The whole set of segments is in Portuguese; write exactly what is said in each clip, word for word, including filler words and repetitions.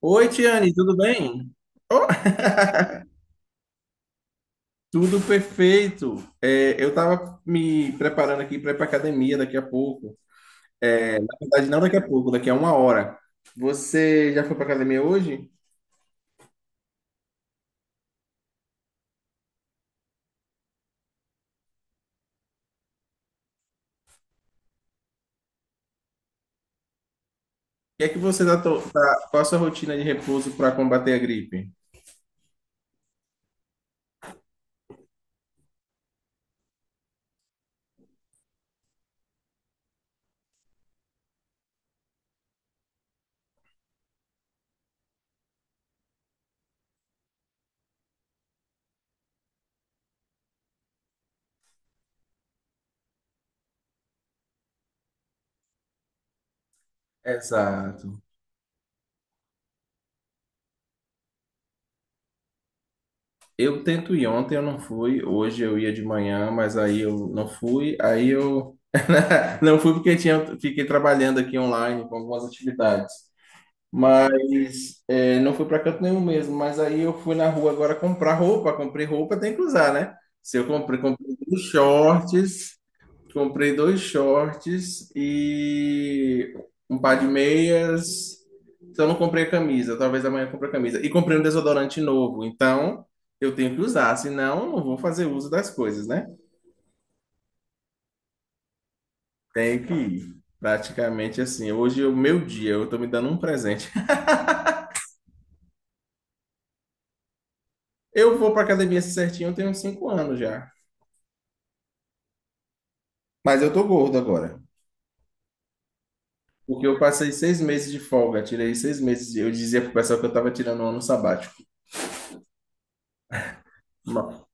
Oi, Tiane, tudo bem? Oh, tudo perfeito. É, eu estava me preparando aqui para ir para academia daqui a pouco. É, na verdade, não daqui a pouco, daqui a uma hora. Você já foi para academia hoje? O que é que você tá, to- tá- qual a sua rotina de repouso para combater a gripe? Exato. Eu tento ir ontem, eu não fui. Hoje eu ia de manhã, mas aí eu não fui. Aí eu não fui porque tinha, fiquei trabalhando aqui online com algumas atividades. Mas é, não fui para canto nenhum mesmo. Mas aí eu fui na rua agora comprar roupa. Comprei roupa, tem que usar, né? Se eu comprei, comprei dois shorts, comprei dois shorts e um par de meias. Então não comprei a camisa. Talvez amanhã eu compre a camisa. E comprei um desodorante novo. Então eu tenho que usar, senão eu não vou fazer uso das coisas, né? Tenho que ir. Praticamente assim. Hoje é o meu dia. Eu tô me dando um presente. Eu vou para academia assim certinho, eu tenho uns cinco anos já. Mas eu tô gordo agora. Porque eu passei seis meses de folga, tirei seis meses. Eu dizia pro pessoal que eu tava tirando um ano sabático. Ma-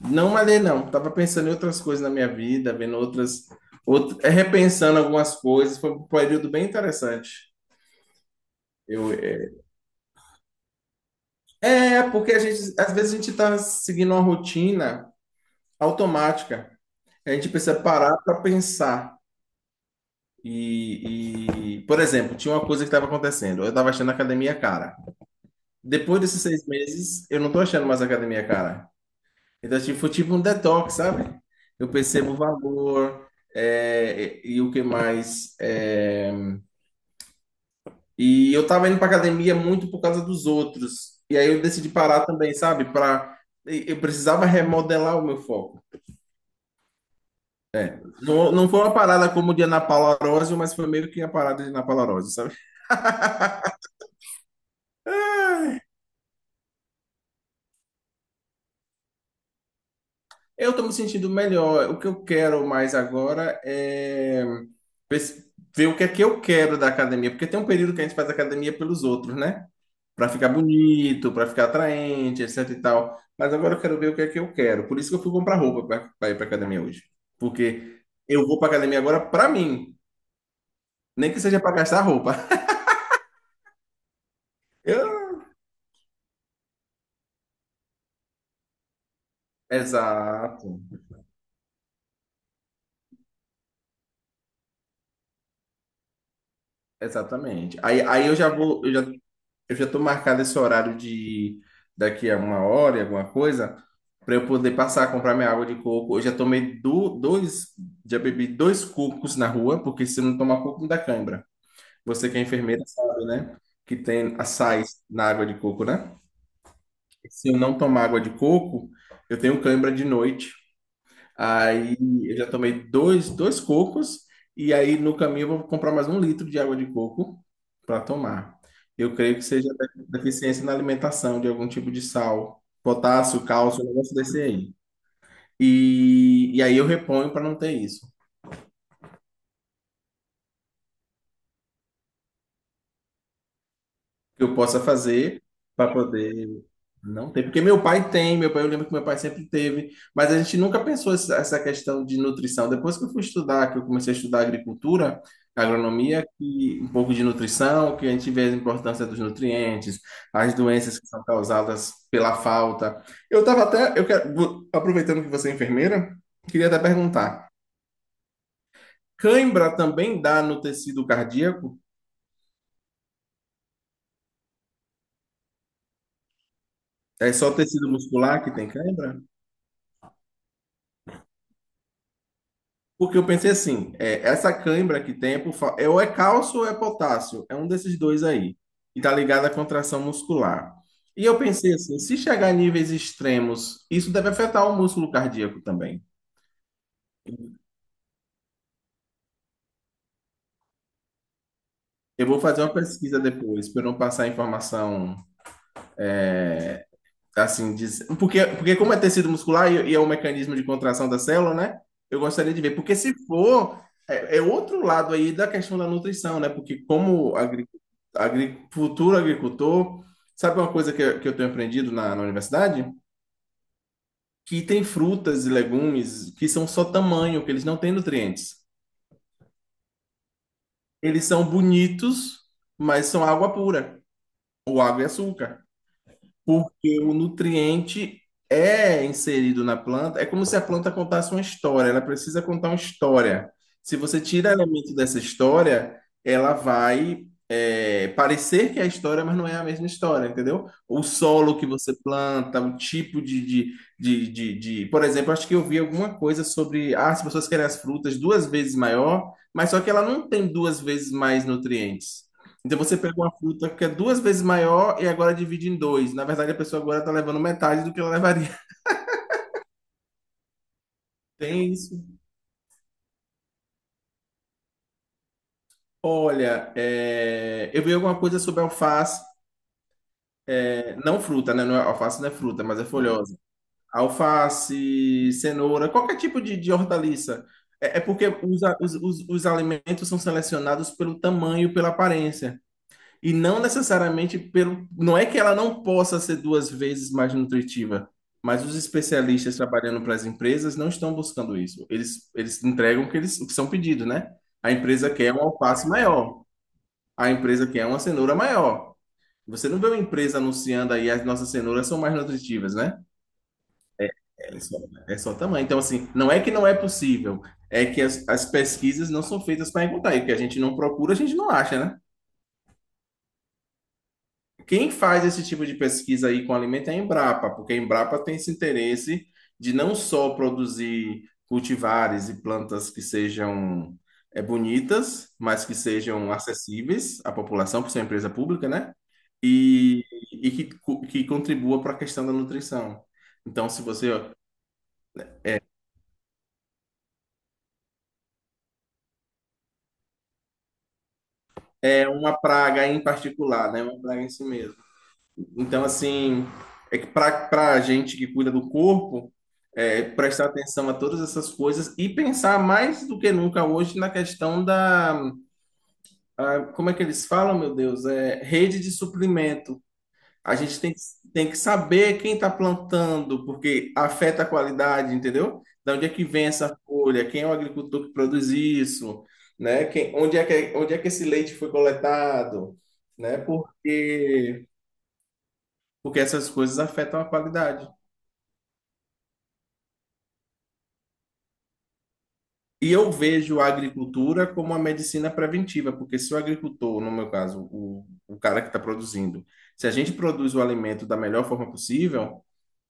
Não malhei, não. Tava pensando em outras coisas na minha vida, vendo outras. Out- é, repensando algumas coisas. Foi um período bem interessante. Eu, é, é, porque a gente, às vezes a gente tá seguindo uma rotina automática. A gente precisa parar para pensar. E, e, por exemplo, tinha uma coisa que estava acontecendo. Eu estava achando a academia cara. Depois desses seis meses, eu não tô achando mais academia, cara. Então, tipo, foi tipo um detox, sabe? Eu percebo o valor, é, e, e o que mais. É, e eu tava indo pra academia muito por causa dos outros. E aí eu decidi parar também, sabe? Pra... e- Eu precisava remodelar o meu foco. Não, não foi uma parada como o de Ana Paula Arósio, mas foi meio que a parada de Ana Paula Arósio, sabe? Eu estou me sentindo melhor. O que eu quero mais agora é pes- ver o que é que eu quero da academia, porque tem um período que a gente faz academia pelos outros, né? Para ficar bonito, para ficar atraente, etc e tal. Mas agora eu quero ver o que é que eu quero. Por isso que eu fui comprar roupa para ir para academia hoje. Porque eu vou para academia agora para mim, nem que seja para gastar roupa. Eu- Exato. Exatamente. Aí, aí eu já vou, eu já eu já estou marcado esse horário de daqui a uma hora, e alguma coisa, para eu poder passar a comprar minha água de coco. Eu já tomei do, dois, já bebi dois cocos na rua, porque se não tomar coco, me dá cãibra. Você que é enfermeira sabe, né? Que tem açaí na água de coco, né? Se eu não tomar água de coco, eu tenho cãibra de noite. Aí eu já tomei dois, dois cocos, e aí no caminho eu vou comprar mais um litro de água de coco para tomar. Eu creio que seja de- deficiência na alimentação de algum tipo de sal, potássio, cálcio, um negócio desse aí. E, e aí eu reponho para não ter isso. O que eu possa fazer para poder. Não tem, porque meu pai tem, meu pai, eu lembro que meu pai sempre teve, mas a gente nunca pensou essa essa questão de nutrição. Depois que eu fui estudar, que eu comecei a estudar agricultura, agronomia, que um pouco de nutrição, que a gente vê a importância dos nutrientes, as doenças que são causadas pela falta. Eu estava até, eu quero, vou- aproveitando que você é enfermeira, queria até perguntar: cãibra também dá no tecido cardíaco? É só tecido muscular que tem cãibra? Porque eu pensei assim, é, essa cãibra que tem é, por, fa- é ou é cálcio ou é potássio, é um desses dois aí, e tá ligado à contração muscular. E eu pensei assim, se chegar a níveis extremos, isso deve afetar o músculo cardíaco também. Eu vou fazer uma pesquisa depois, para não passar informação assim, diz- porque, porque como é tecido muscular e, e é um mecanismo de contração da célula, né? Eu gostaria de ver, porque se for, é, é outro lado aí da questão da nutrição, né? Porque como agri, agri- futuro agricultor, sabe uma coisa que, eu- que eu tenho aprendido na, na universidade? Que tem frutas e legumes que são só tamanho, que eles não têm nutrientes. Eles são bonitos, mas são água pura, ou água e açúcar. Porque o nutriente é inserido na planta, é como se a planta contasse uma história, ela precisa contar uma história. Se você tira elemento dessa história, ela vai é, parecer que é a história, mas não é a mesma história, entendeu? O solo que você planta, o tipo de, de, de, de, de- Por exemplo, acho que eu vi alguma coisa sobre. Ah, as pessoas querem as frutas duas vezes maior, mas só que ela não tem duas vezes mais nutrientes. Então você pega uma fruta que é duas vezes maior e agora divide em dois. Na verdade, a pessoa agora está levando metade do que ela levaria. Tem isso. Olha, é, eu vi alguma coisa sobre alface. É, não fruta, né? Não é- alface não é fruta, mas é folhosa. Alface, cenoura, qualquer tipo de, de hortaliça. É, é porque os, a- os, os, os alimentos são selecionados pelo tamanho, pela aparência. E não necessariamente pelo. Não é que ela não possa ser duas vezes mais nutritiva, mas os especialistas trabalhando para as empresas não estão buscando isso. Eles, eles entregam o que, eles, o que são pedidos, né? A empresa quer um alface maior, a empresa quer uma cenoura maior. Você não vê uma empresa anunciando aí as nossas cenouras são mais nutritivas, né? É só, é só tamanho. Então, assim, não é que não é possível, é que as, as pesquisas não são feitas para encontrar. E o que a gente não procura, a gente não acha, né? Quem faz esse tipo de pesquisa aí com alimento é a Embrapa, porque a Embrapa tem esse interesse de não só produzir cultivares e plantas que sejam é, bonitas, mas que sejam acessíveis à população, por ser uma empresa pública, né? E, e que, co- que contribua para a questão da nutrição. Então, se você ó, é uma praga em particular, né? Uma praga em si mesmo. Então, assim, é que para a gente que cuida do corpo, é, prestar atenção a todas essas coisas e pensar mais do que nunca hoje na questão da, a- como é que eles falam, meu Deus, é rede de suplemento. A gente tem, que- tem que saber quem está plantando, porque afeta a qualidade, entendeu? Da onde é que vem essa folha? Quem é o agricultor que produz isso? Né? Quem, onde é que, onde é que esse leite foi coletado? Né? Porque, porque essas coisas afetam a qualidade. E eu vejo a agricultura como uma medicina preventiva, porque se o agricultor, no meu caso, o, o cara que está produzindo, se a gente produz o alimento da melhor forma possível,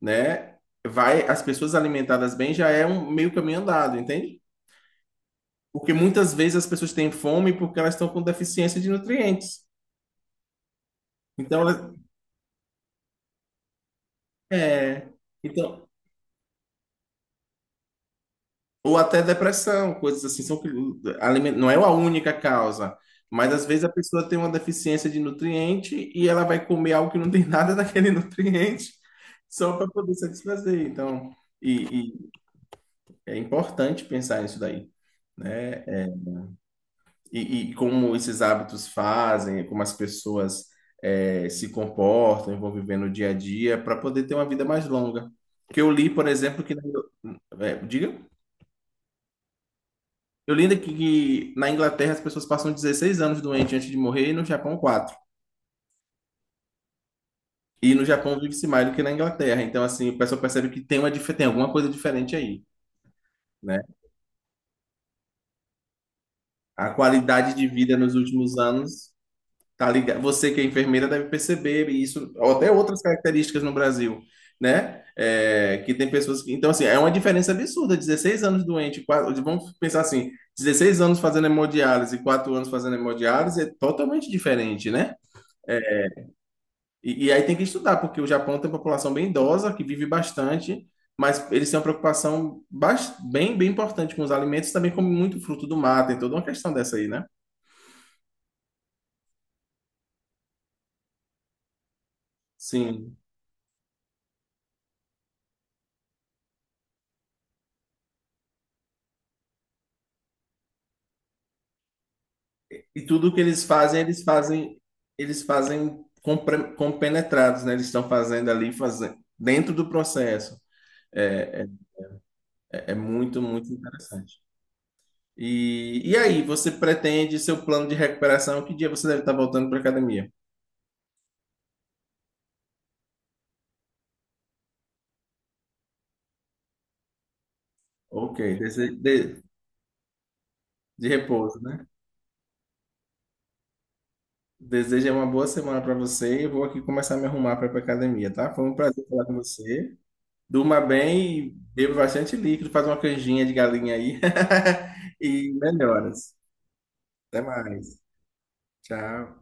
né, vai, as pessoas alimentadas bem já é um meio caminho andado, entende? Porque muitas vezes as pessoas têm fome porque elas estão com deficiência de nutrientes. Então, elas- é, então Ou até depressão, coisas assim, são, aliment- não é a única causa, mas às vezes a pessoa tem uma deficiência de nutriente e ela vai comer algo que não tem nada daquele nutriente só para poder satisfazer. Então, e, e é importante pensar nisso daí, né? É, E, e como esses hábitos fazem, como as pessoas é, se comportam, e vão viver no dia a dia, para poder ter uma vida mais longa. Que eu li, por exemplo, que... na- É, diga? Eu lembro que, que na Inglaterra as pessoas passam dezesseis anos doentes antes de morrer e no Japão quatro. E no Japão vive-se mais do que na Inglaterra. Então, assim, o pessoal percebe que tem, uma, dif- tem alguma coisa diferente aí, né? A qualidade de vida nos últimos anos tá ligado. Você que é enfermeira deve perceber isso, ou até outras características no Brasil, né? É, que tem pessoas que. Então, assim, é uma diferença absurda. dezesseis anos doente, quase, vamos pensar assim, dezesseis anos fazendo hemodiálise e quatro anos fazendo hemodiálise é totalmente diferente, né? E, e aí tem que estudar, porque o Japão tem uma população bem idosa, que vive bastante, mas eles têm uma preocupação bas- bem, bem importante com os alimentos, também comem muito fruto do mar, tem toda uma questão dessa aí, né? Sim. E tudo que eles fazem, eles fazem, eles fazem compre- compenetrados, né? Eles estão fazendo ali, fazendo, dentro do processo. É, é, é muito, muito interessante. E, e aí, você pretende seu plano de recuperação? Que dia você deve estar voltando para a academia? Ok, desse- de, de repouso, né? Desejo uma boa semana para você. Eu vou aqui começar a me arrumar para ir para academia, tá? Foi um prazer falar com você. Durma bem e beba bastante líquido, faz uma canjinha de galinha aí. E melhoras. Até mais. Tchau.